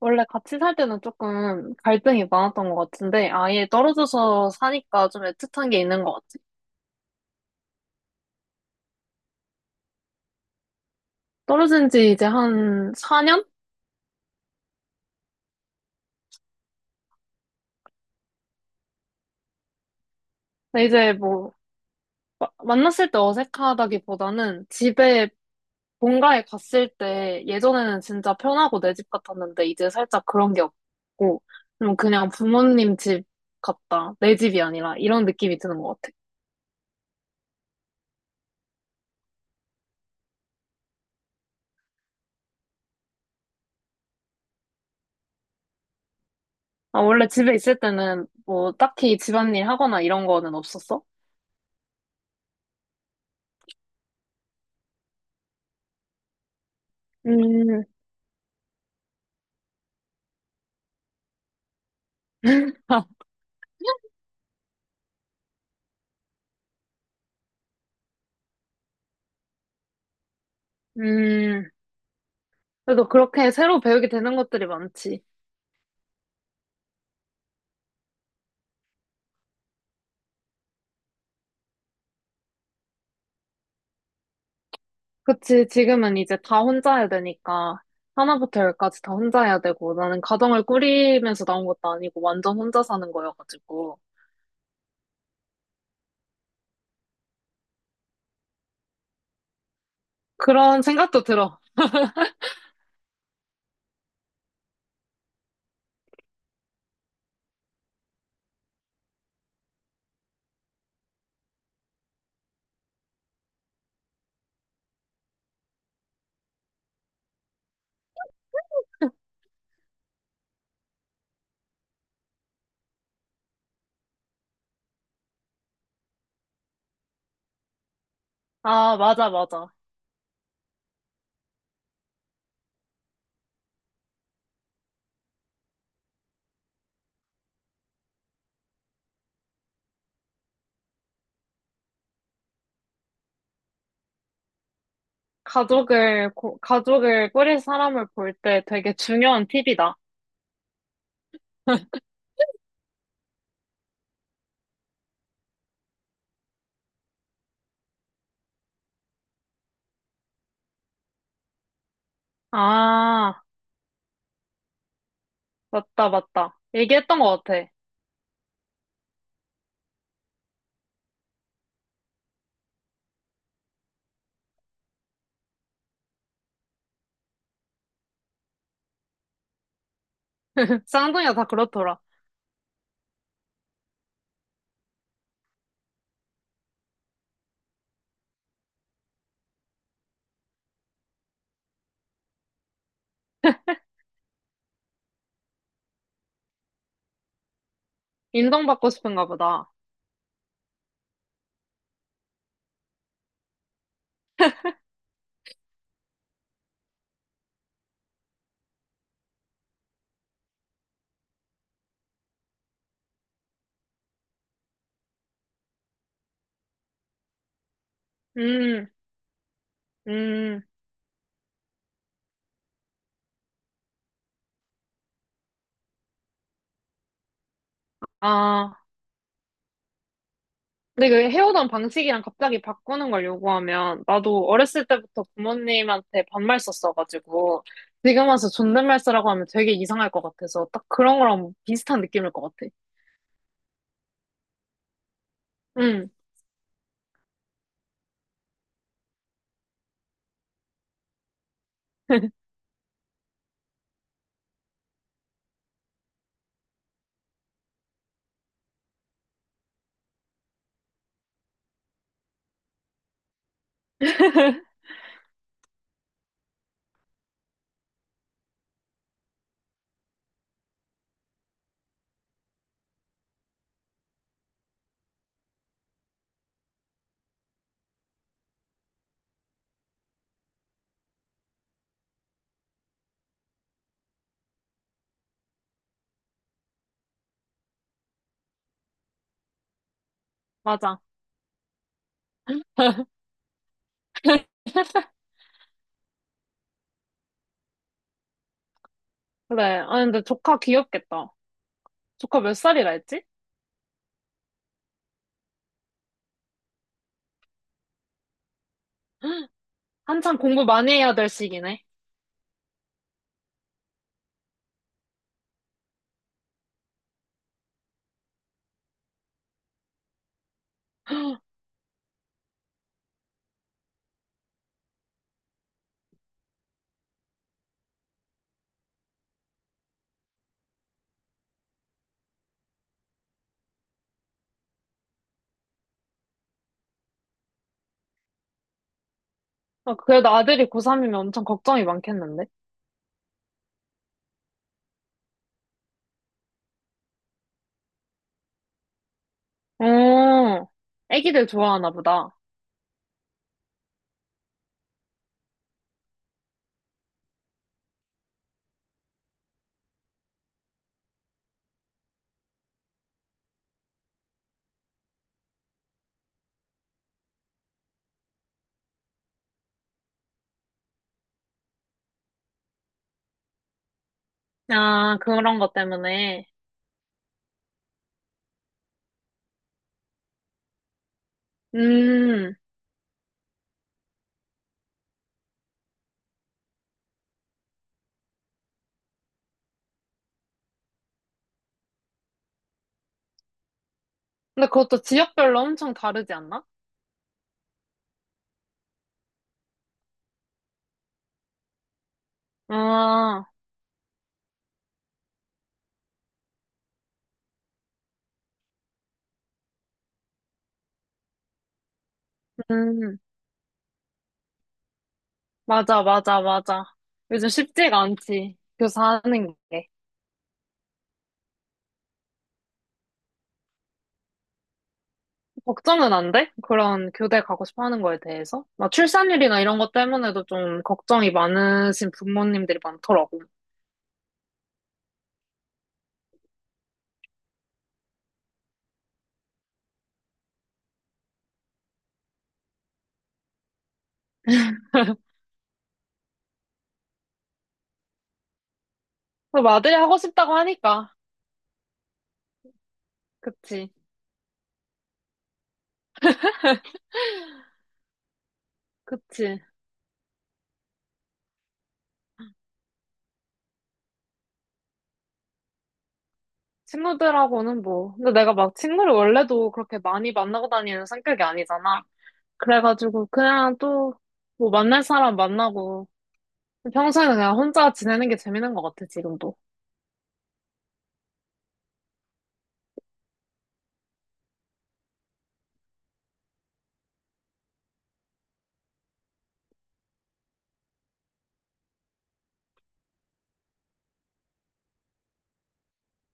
원래 같이 살 때는 조금 갈등이 많았던 것 같은데, 아예 떨어져서 사니까 좀 애틋한 게 있는 것 같아. 떨어진 지 이제 한 4년? 근데 이제 뭐, 만났을 때 어색하다기보다는 집에 본가에 갔을 때 예전에는 진짜 편하고 내 집 같았는데, 이제 살짝 그런 게 없고, 좀 그냥 부모님 집 같다. 내 집이 아니라 이런 느낌이 드는 것 같아. 아, 원래 집에 있을 때는 뭐 딱히 집안일 하거나 이런 거는 없었어? 음. 음, 그래도 그렇게 새로 배우게 되는 것들이 많지. 그치, 지금은 이제 다 혼자 해야 되니까, 하나부터 열까지 다 혼자 해야 되고, 나는 가정을 꾸리면서 나온 것도 아니고, 완전 혼자 사는 거여가지고. 그런 생각도 들어. 아, 맞아, 맞아. 가족을 꾸릴 사람을 볼 때 되게 중요한 팁이다. 아, 맞다, 맞다. 얘기했던 것 같아. 쌍둥이가 다 그렇더라. 인정받고 싶은가 보다. 음, 음, 아. 근데 그 헤어던 방식이랑 갑자기 바꾸는 걸 요구하면 나도 어렸을 때부터 부모님한테 반말 썼어가지고 지금 와서 존댓말 쓰라고 하면 되게 이상할 것 같아서 딱 그런 거랑 비슷한 느낌일 것 같아. 응, 맞아. 그래. 아 근데 조카 귀엽겠다. 조카 몇 살이라 했지? 한참 공부 많이 해야 될 시기네. 아, 그래도 아들이 고3이면 엄청 걱정이 많겠는데? 어, 애기들 좋아하나 보다. 아, 그런 것 때문에. 음. 근데 그것도 지역별로 엄청 다르지 않나? 아, 음, 맞아, 맞아, 맞아. 요즘 쉽지가 않지. 교사하는 게. 걱정은 안 돼? 그런 교대 가고 싶어 하는 거에 대해서? 막 출산율이나 이런 것 때문에도 좀 걱정이 많으신 부모님들이 많더라고. 그럼 아들이 하고 싶다고 하니까. 그치, 그치. 친구들하고는 뭐. 근데 내가 막 친구를 원래도 그렇게 많이 만나고 다니는 성격이 아니잖아. 그래가지고 그냥 또 뭐 만날 사람 만나고 평소에는 그냥 혼자 지내는 게 재밌는 것 같아, 지금도.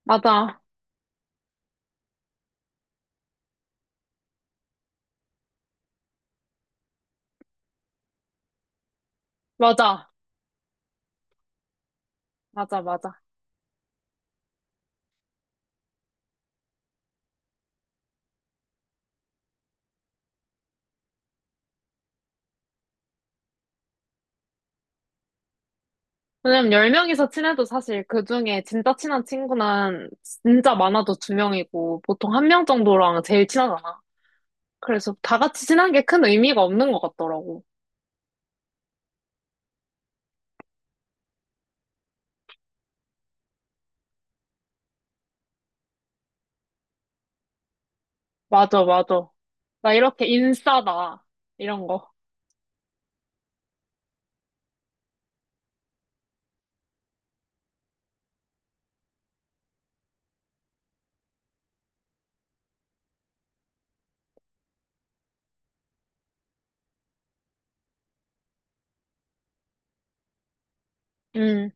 맞아, 맞아, 맞아, 맞아. 왜냐면 10명이서 친해도 사실 그 중에 진짜 친한 친구는 진짜 많아도 두명이고 보통 한 명 정도랑 제일 친하잖아. 그래서 다 같이 친한 게 큰 의미가 없는 것 같더라고. 맞아, 맞아. 나 이렇게 인싸다. 이런 거. 음,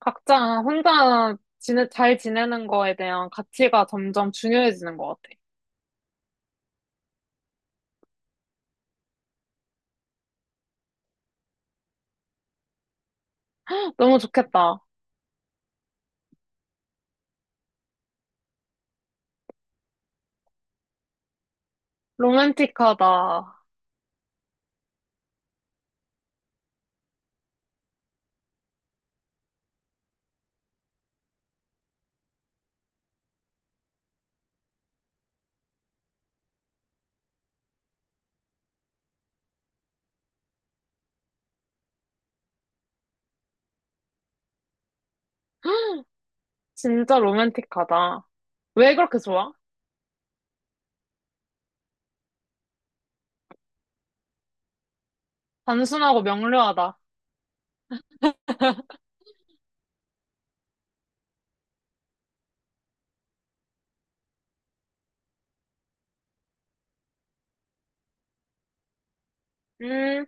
각자 혼자 지내, 잘 지내는 거에 대한 가치가 점점 중요해지는 것 같아. 너무 좋겠다. 로맨틱하다. 진짜 로맨틱하다. 왜 그렇게 좋아? 단순하고 명료하다. 음,